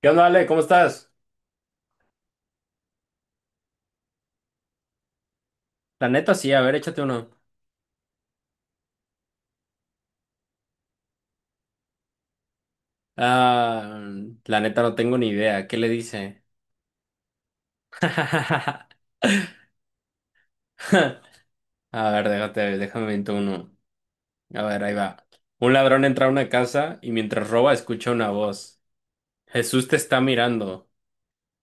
¿Qué onda, Ale? ¿Cómo estás? La neta sí, a ver, échate uno. Ah, la neta no tengo ni idea. ¿Qué le dice? A ver, déjame invento uno. A ver, ahí va. Un ladrón entra a una casa y mientras roba escucha una voz. Jesús te está mirando.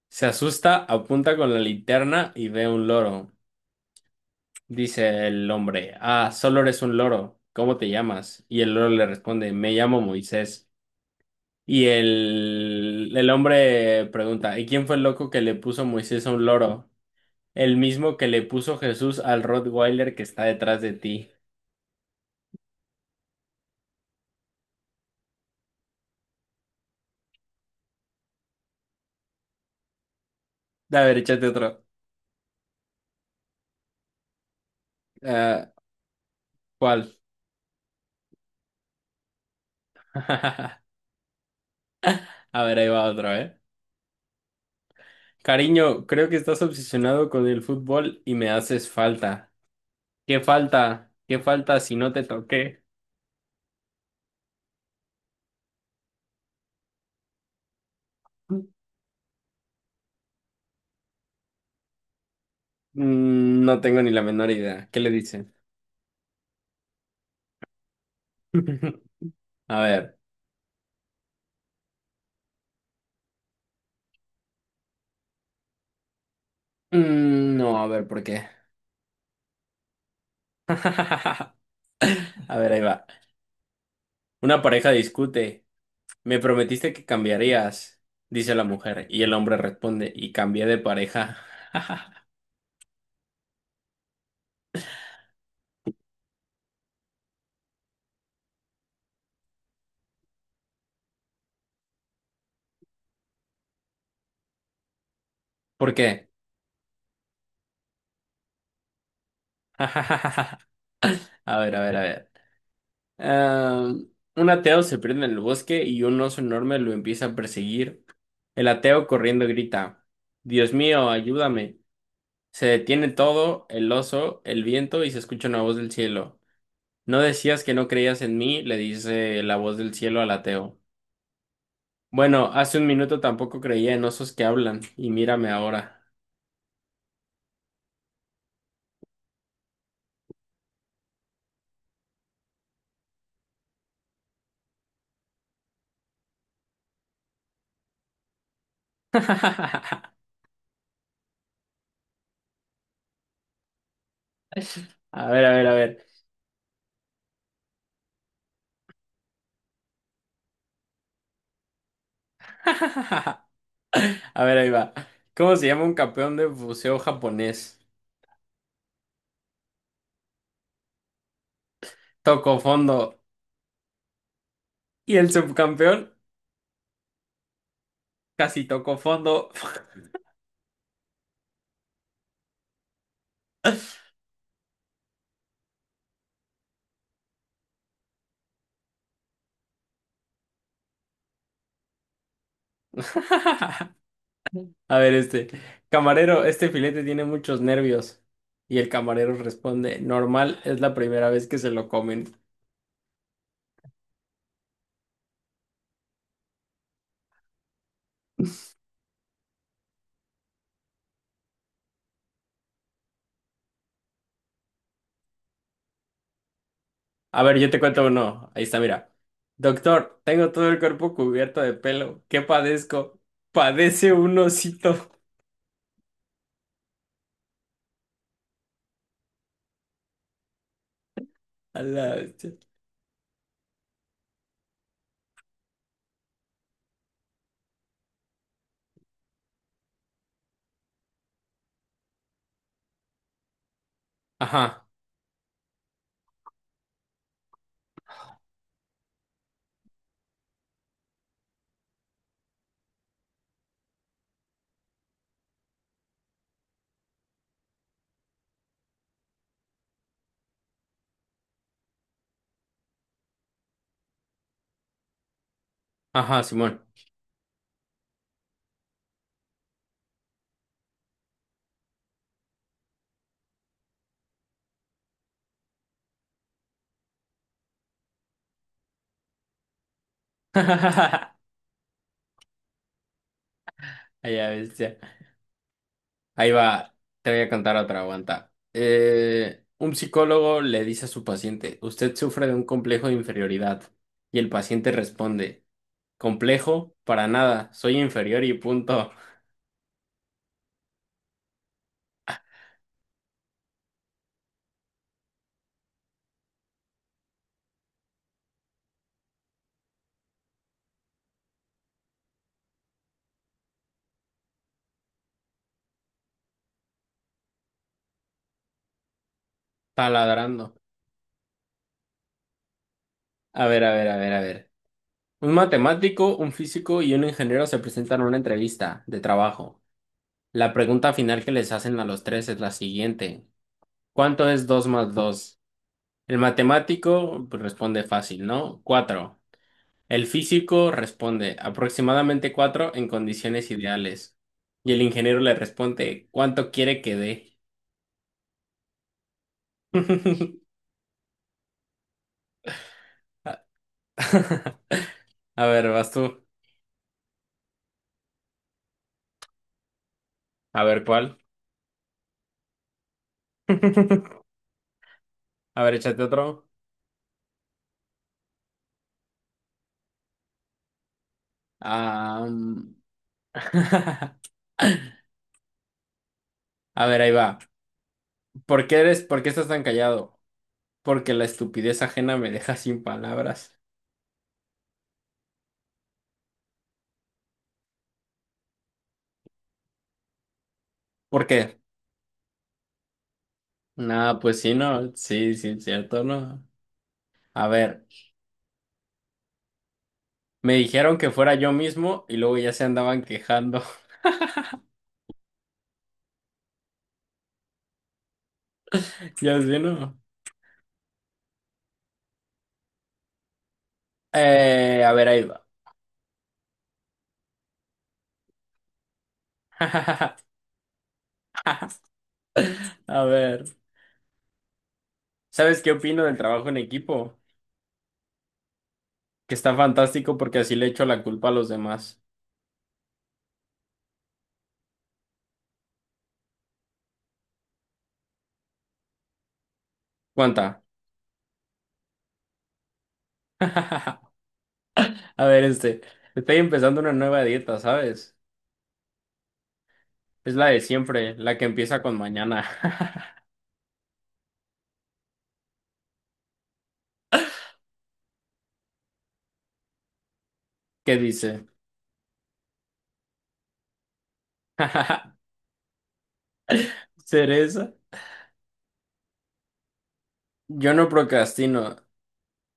Se asusta, apunta con la linterna y ve un loro. Dice el hombre, ah, solo eres un loro. ¿Cómo te llamas? Y el loro le responde, me llamo Moisés. Y el hombre pregunta, ¿y quién fue el loco que le puso Moisés a un loro? El mismo que le puso Jesús al Rottweiler que está detrás de ti. A ver, échate otro. Ah, ¿cuál? A ver, ahí va otro, ¿eh? Cariño, creo que estás obsesionado con el fútbol y me haces falta. ¿Qué falta? ¿Qué falta si no te toqué? Mm, no tengo ni la menor idea. ¿Qué le dicen? A ver. Mm, no, a ver, ¿por qué? A ver, ahí va. Una pareja discute. Me prometiste que cambiarías, dice la mujer, y el hombre responde, y cambié de pareja. ¿Por qué? A ver, a ver, a ver. Am, un ateo se pierde en el bosque y un oso enorme lo empieza a perseguir. El ateo corriendo grita, Dios mío, ayúdame. Se detiene todo, el oso, el viento y se escucha una voz del cielo. ¿No decías que no creías en mí?, le dice la voz del cielo al ateo. Bueno, hace un minuto tampoco creía en osos que hablan, y mírame ahora. A ver, a ver, a ver. A ver, ahí va. ¿Cómo se llama un campeón de buceo japonés? Tocó fondo. Y el subcampeón casi tocó fondo. A ver, este. Camarero, este filete tiene muchos nervios. Y el camarero responde, normal, es la primera vez que se lo comen. A ver, yo te cuento uno. Ahí está, mira. Doctor, tengo todo el cuerpo cubierto de pelo. ¿Qué padezco? Padece un osito. A la bestia. Ajá, ajá, Simón. A la bestia. Ahí va. Te voy a contar otra, aguanta. Un psicólogo le dice a su paciente, usted sufre de un complejo de inferioridad. Y el paciente responde, complejo, para nada, soy inferior y punto. Taladrando. A ver, a ver, a ver, a ver. Un matemático, un físico y un ingeniero se presentan a una entrevista de trabajo. La pregunta final que les hacen a los tres es la siguiente. ¿Cuánto es 2 más 2? El matemático pues, responde fácil, ¿no? Cuatro. El físico responde aproximadamente 4 en condiciones ideales. Y el ingeniero le responde, ¿cuánto quiere que dé? A a ver, vas tú. A ver, ¿cuál? A ver, échate otro. Ah, mm. A ver, ahí va. ¿Por qué estás tan callado? Porque la estupidez ajena me deja sin palabras. ¿Por qué? Nada, pues sí, no, sí, sí, cierto, no. A ver, me dijeron que fuera yo mismo y luego ya se andaban quejando. Ya sé, ¿no? A ver, ahí va. A ver, ¿sabes qué opino del trabajo en equipo? Que está fantástico porque así le echo la culpa a los demás. ¿Cuánta? A ver, este, estoy empezando una nueva dieta, ¿sabes? Es la de siempre, la que empieza con mañana. ¿Qué dice? Cereza. Yo no procrastino,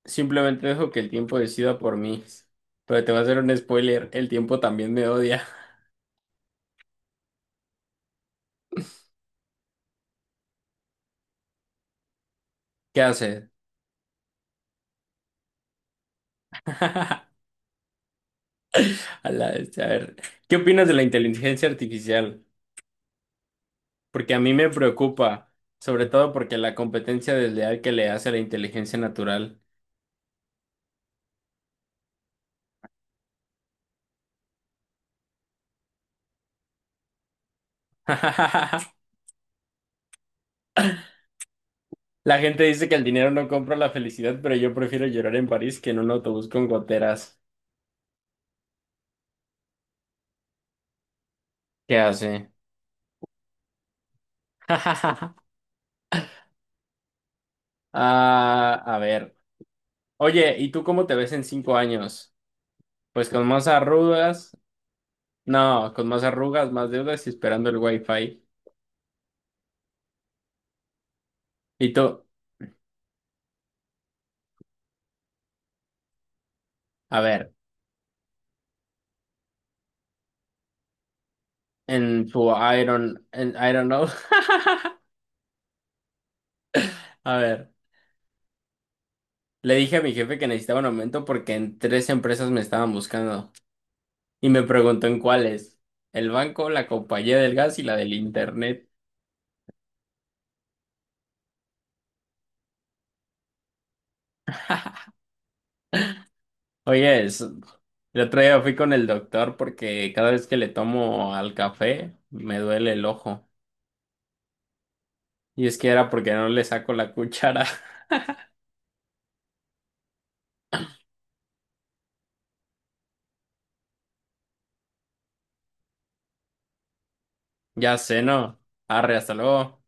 simplemente dejo que el tiempo decida por mí. Pero te voy a hacer un spoiler, el tiempo también me odia. ¿Qué haces? A la bestia, a ver, ¿qué opinas de la inteligencia artificial? Porque a mí me preocupa, sobre todo porque la competencia desleal que le hace a la inteligencia natural. La gente dice que el dinero no compra la felicidad, pero yo prefiero llorar en París que en un autobús con goteras. ¿Qué hace? Ah, a ver. Oye, ¿y tú cómo te ves en 5 años? Pues con más arrugas. No, con más arrugas, más deudas y esperando el wifi. ¿Y tú? A ver, en tu Iron, en Iron know. A ver, le dije a mi jefe que necesitaba un aumento porque en tres empresas me estaban buscando. Y me preguntó en cuáles. El banco, la compañía del gas y la del internet. Oye, el otro día fui con el doctor porque cada vez que le tomo al café me duele el ojo. Y es que era porque no le saco la cuchara. Ya sé, ¿no? Arre, hasta luego.